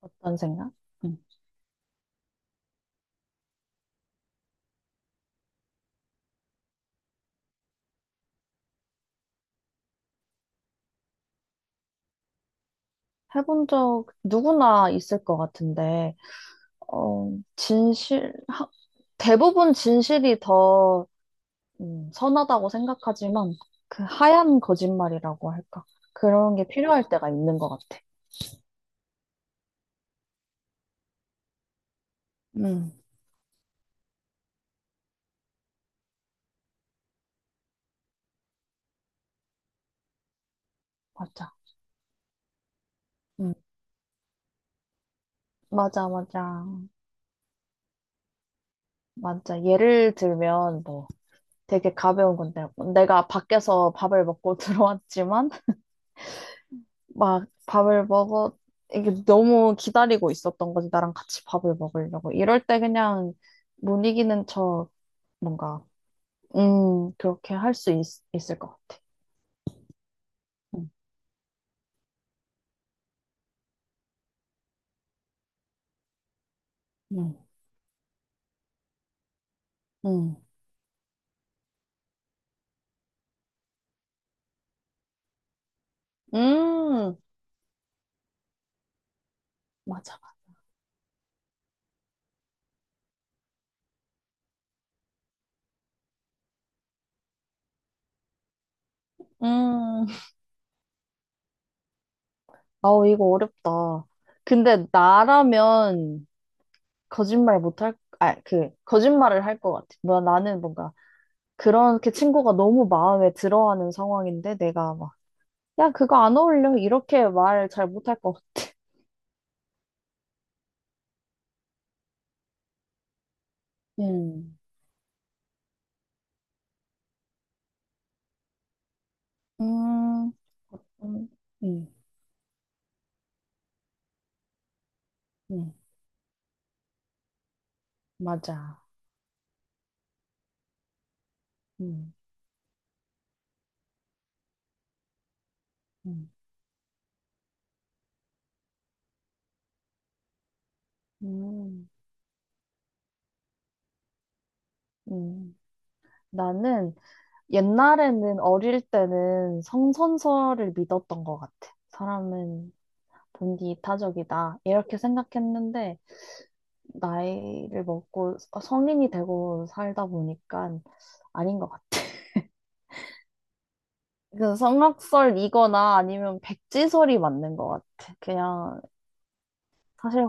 어떤 생각? 음. 해본 적 누구나 있을 것 같은데, 어, 진실, 하- 대부분 진실이 더 선하다고 생각하지만, 그 하얀 거짓말이라고 할까? 그런 게 필요할 때가 있는 것 같아. 음, 맞아. 음, 맞아. 맞아. 예를 들면, 뭐, 되게 가벼운 건데, 내가 밖에서 밥을 먹고 들어왔지만, 막 밥을 먹어 이게 너무 기다리고 있었던 거지 나랑 같이 밥을 먹으려고 이럴 때 그냥 못 이기는 척 뭔가 그렇게 할 수 있을 것 같아. 음, 음, 음, 음, 맞아. 음 아우, 이거 어렵다. 근데 나라면 거짓말 못할, 아, 그 거짓말을 할 것 같아. 뭐 나는 뭔가 그렇게 친구가 너무 마음에 들어하는 상황인데 내가 막 야, 그거 안 어울려. 이렇게 말 잘 못할 것. 음, 음, 음, 음, 음, 맞아. 음, 음, 음, 음. 나는 옛날에는 어릴 때는 성선설을 믿었던 것 같아. 사람은 본디 타적이다. 이렇게 생각했는데, 나이를 먹고 성인이 되고 살다 보니까 아닌 것 같아. 그 성악설이거나 아니면 백지설이 맞는 것 같아. 그냥 사실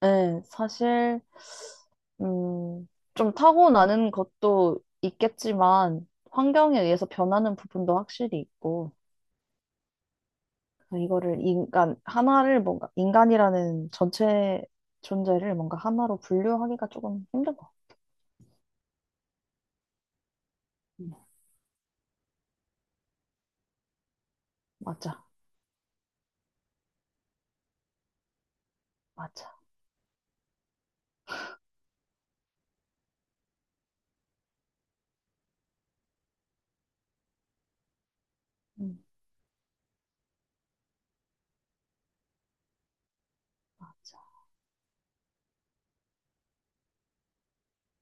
네, 사실, 음, 좀 타고나는 것도 있겠지만, 환경에 의해서 변하는 부분도 확실히 있고, 이거를 인간, 하나를 뭔가, 인간이라는 전체 존재를 뭔가 하나로 분류하기가 조금 힘든 것 같아요. 음, 맞아, 맞아, 음, 맞아,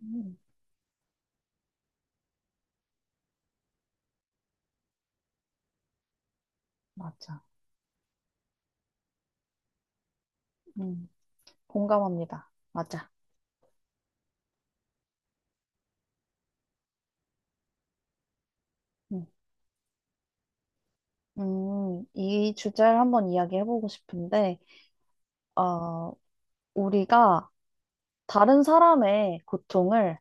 음, 맞아, 음, 공감합니다. 맞아. 음, 이 주제를 한번 이야기해보고 싶은데, 어, 우리가 다른 사람의 고통을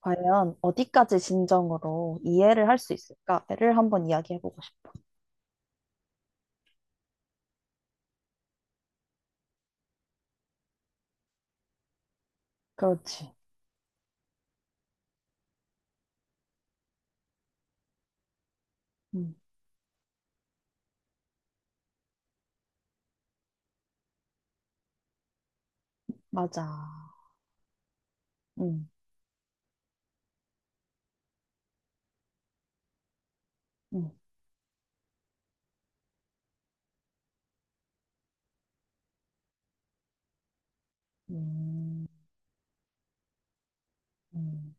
과연 어디까지 진정으로 이해를 할 수 있을까를 한번 이야기해보고 싶어. 그렇지. 음, 맞아. 음, 음, 음, 음,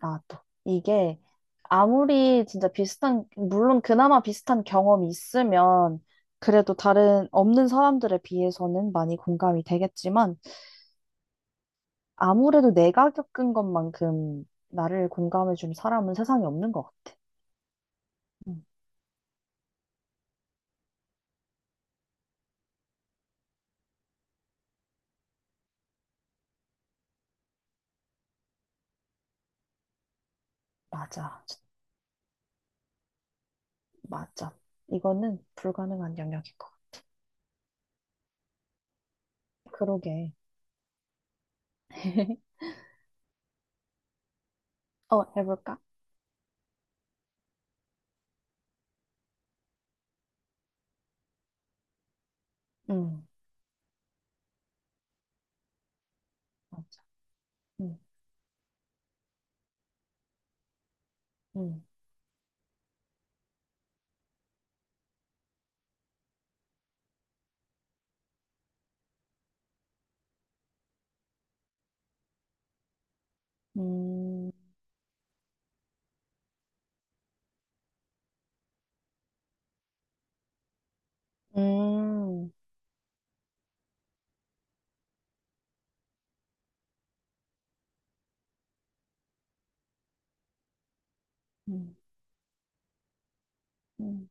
나도. 이게 아무리 진짜 비슷한, 물론 그나마 비슷한 경험이 있으면 그래도 다른 없는 사람들에 비해서는 많이 공감이 되겠지만 아무래도 내가 겪은 것만큼 나를 공감해준 사람은 세상에 없는 것 같아. 음, 맞아. 맞아. 이거는 불가능한 영역인 것 같아. 그러게. 어, 해볼까? 응. 맞아. 응, 응, 음, 음, 음, 음,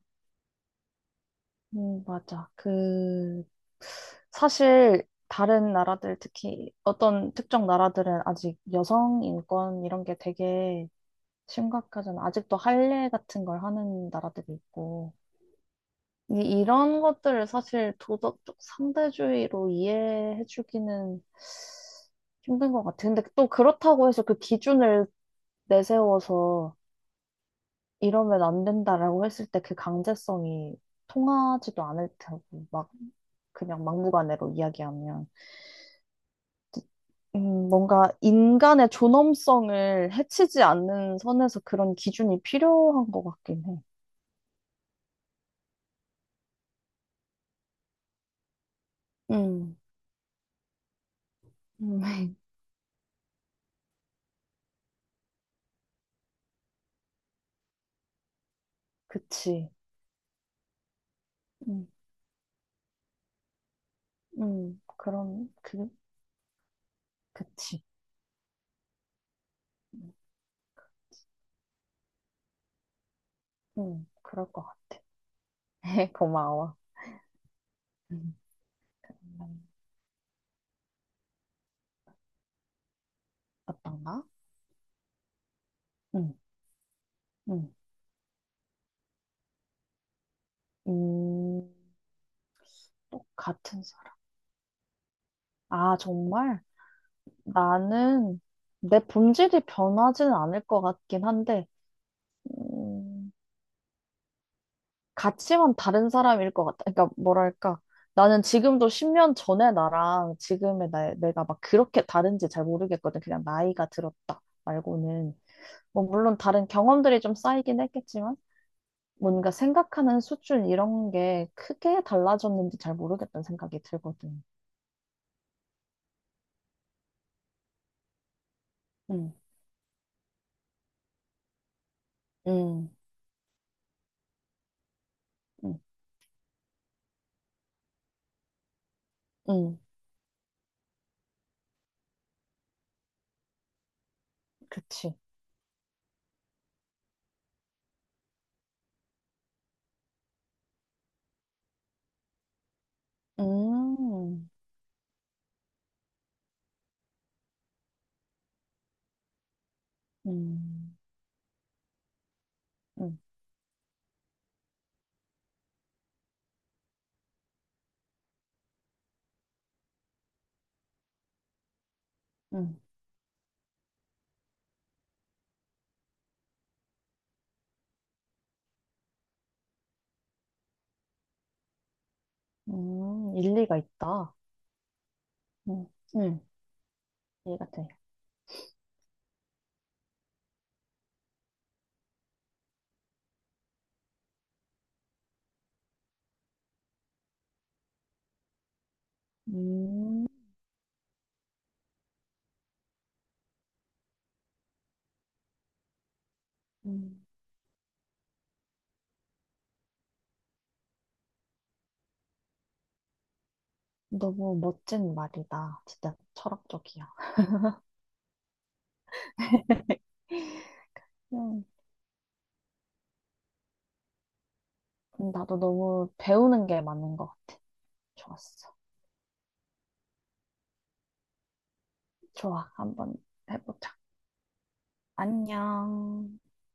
맞아. 그, 사실, 다른 나라들, 특히 어떤 특정 나라들은 아직 여성 인권 이런 게 되게 심각하잖아. 아직도 할례 같은 걸 하는 나라들이 있고. 이런 것들을 사실 도덕적 상대주의로 이해해주기는 힘든 것 같아요. 근데 또 그렇다고 해서 그 기준을 내세워서 이러면 안 된다라고 했을 때 그 강제성이 통하지도 않을 테고, 막 그냥 막무가내로 이야기하면. 뭔가 인간의 존엄성을 해치지 않는 선에서 그런 기준이 필요한 것 같긴 해. 음, 음, 그치. 음, 그런, 그, 그치. 응, 그럴 것 같아. 고마워. 음, 어떤가? 응, 응. 음, 또 같은 사람. 아, 정말? 나는 내 본질이 변하지는 않을 것 같긴 한데, 음, 가치만 다른 사람일 것 같아. 그러니까, 뭐랄까. 나는 지금도 10년 전의 나랑 지금의 나, 내가 막 그렇게 다른지 잘 모르겠거든. 그냥 나이가 들었다 말고는. 뭐, 물론 다른 경험들이 좀 쌓이긴 했겠지만, 뭔가 생각하는 수준 이런 게 크게 달라졌는지 잘 모르겠다는 생각이 들거든. 응, 응, 응, 응, 그치. 음, 음, 음, 음, 일리가 있다. 응, 응, 이해가 돼. 음, 음, 너무 멋진 말이다. 진짜 철학적이야. 음, 나도 너무 배우는 게 많은 것 같아. 좋았어. 좋아, 한번 해보자. 안녕.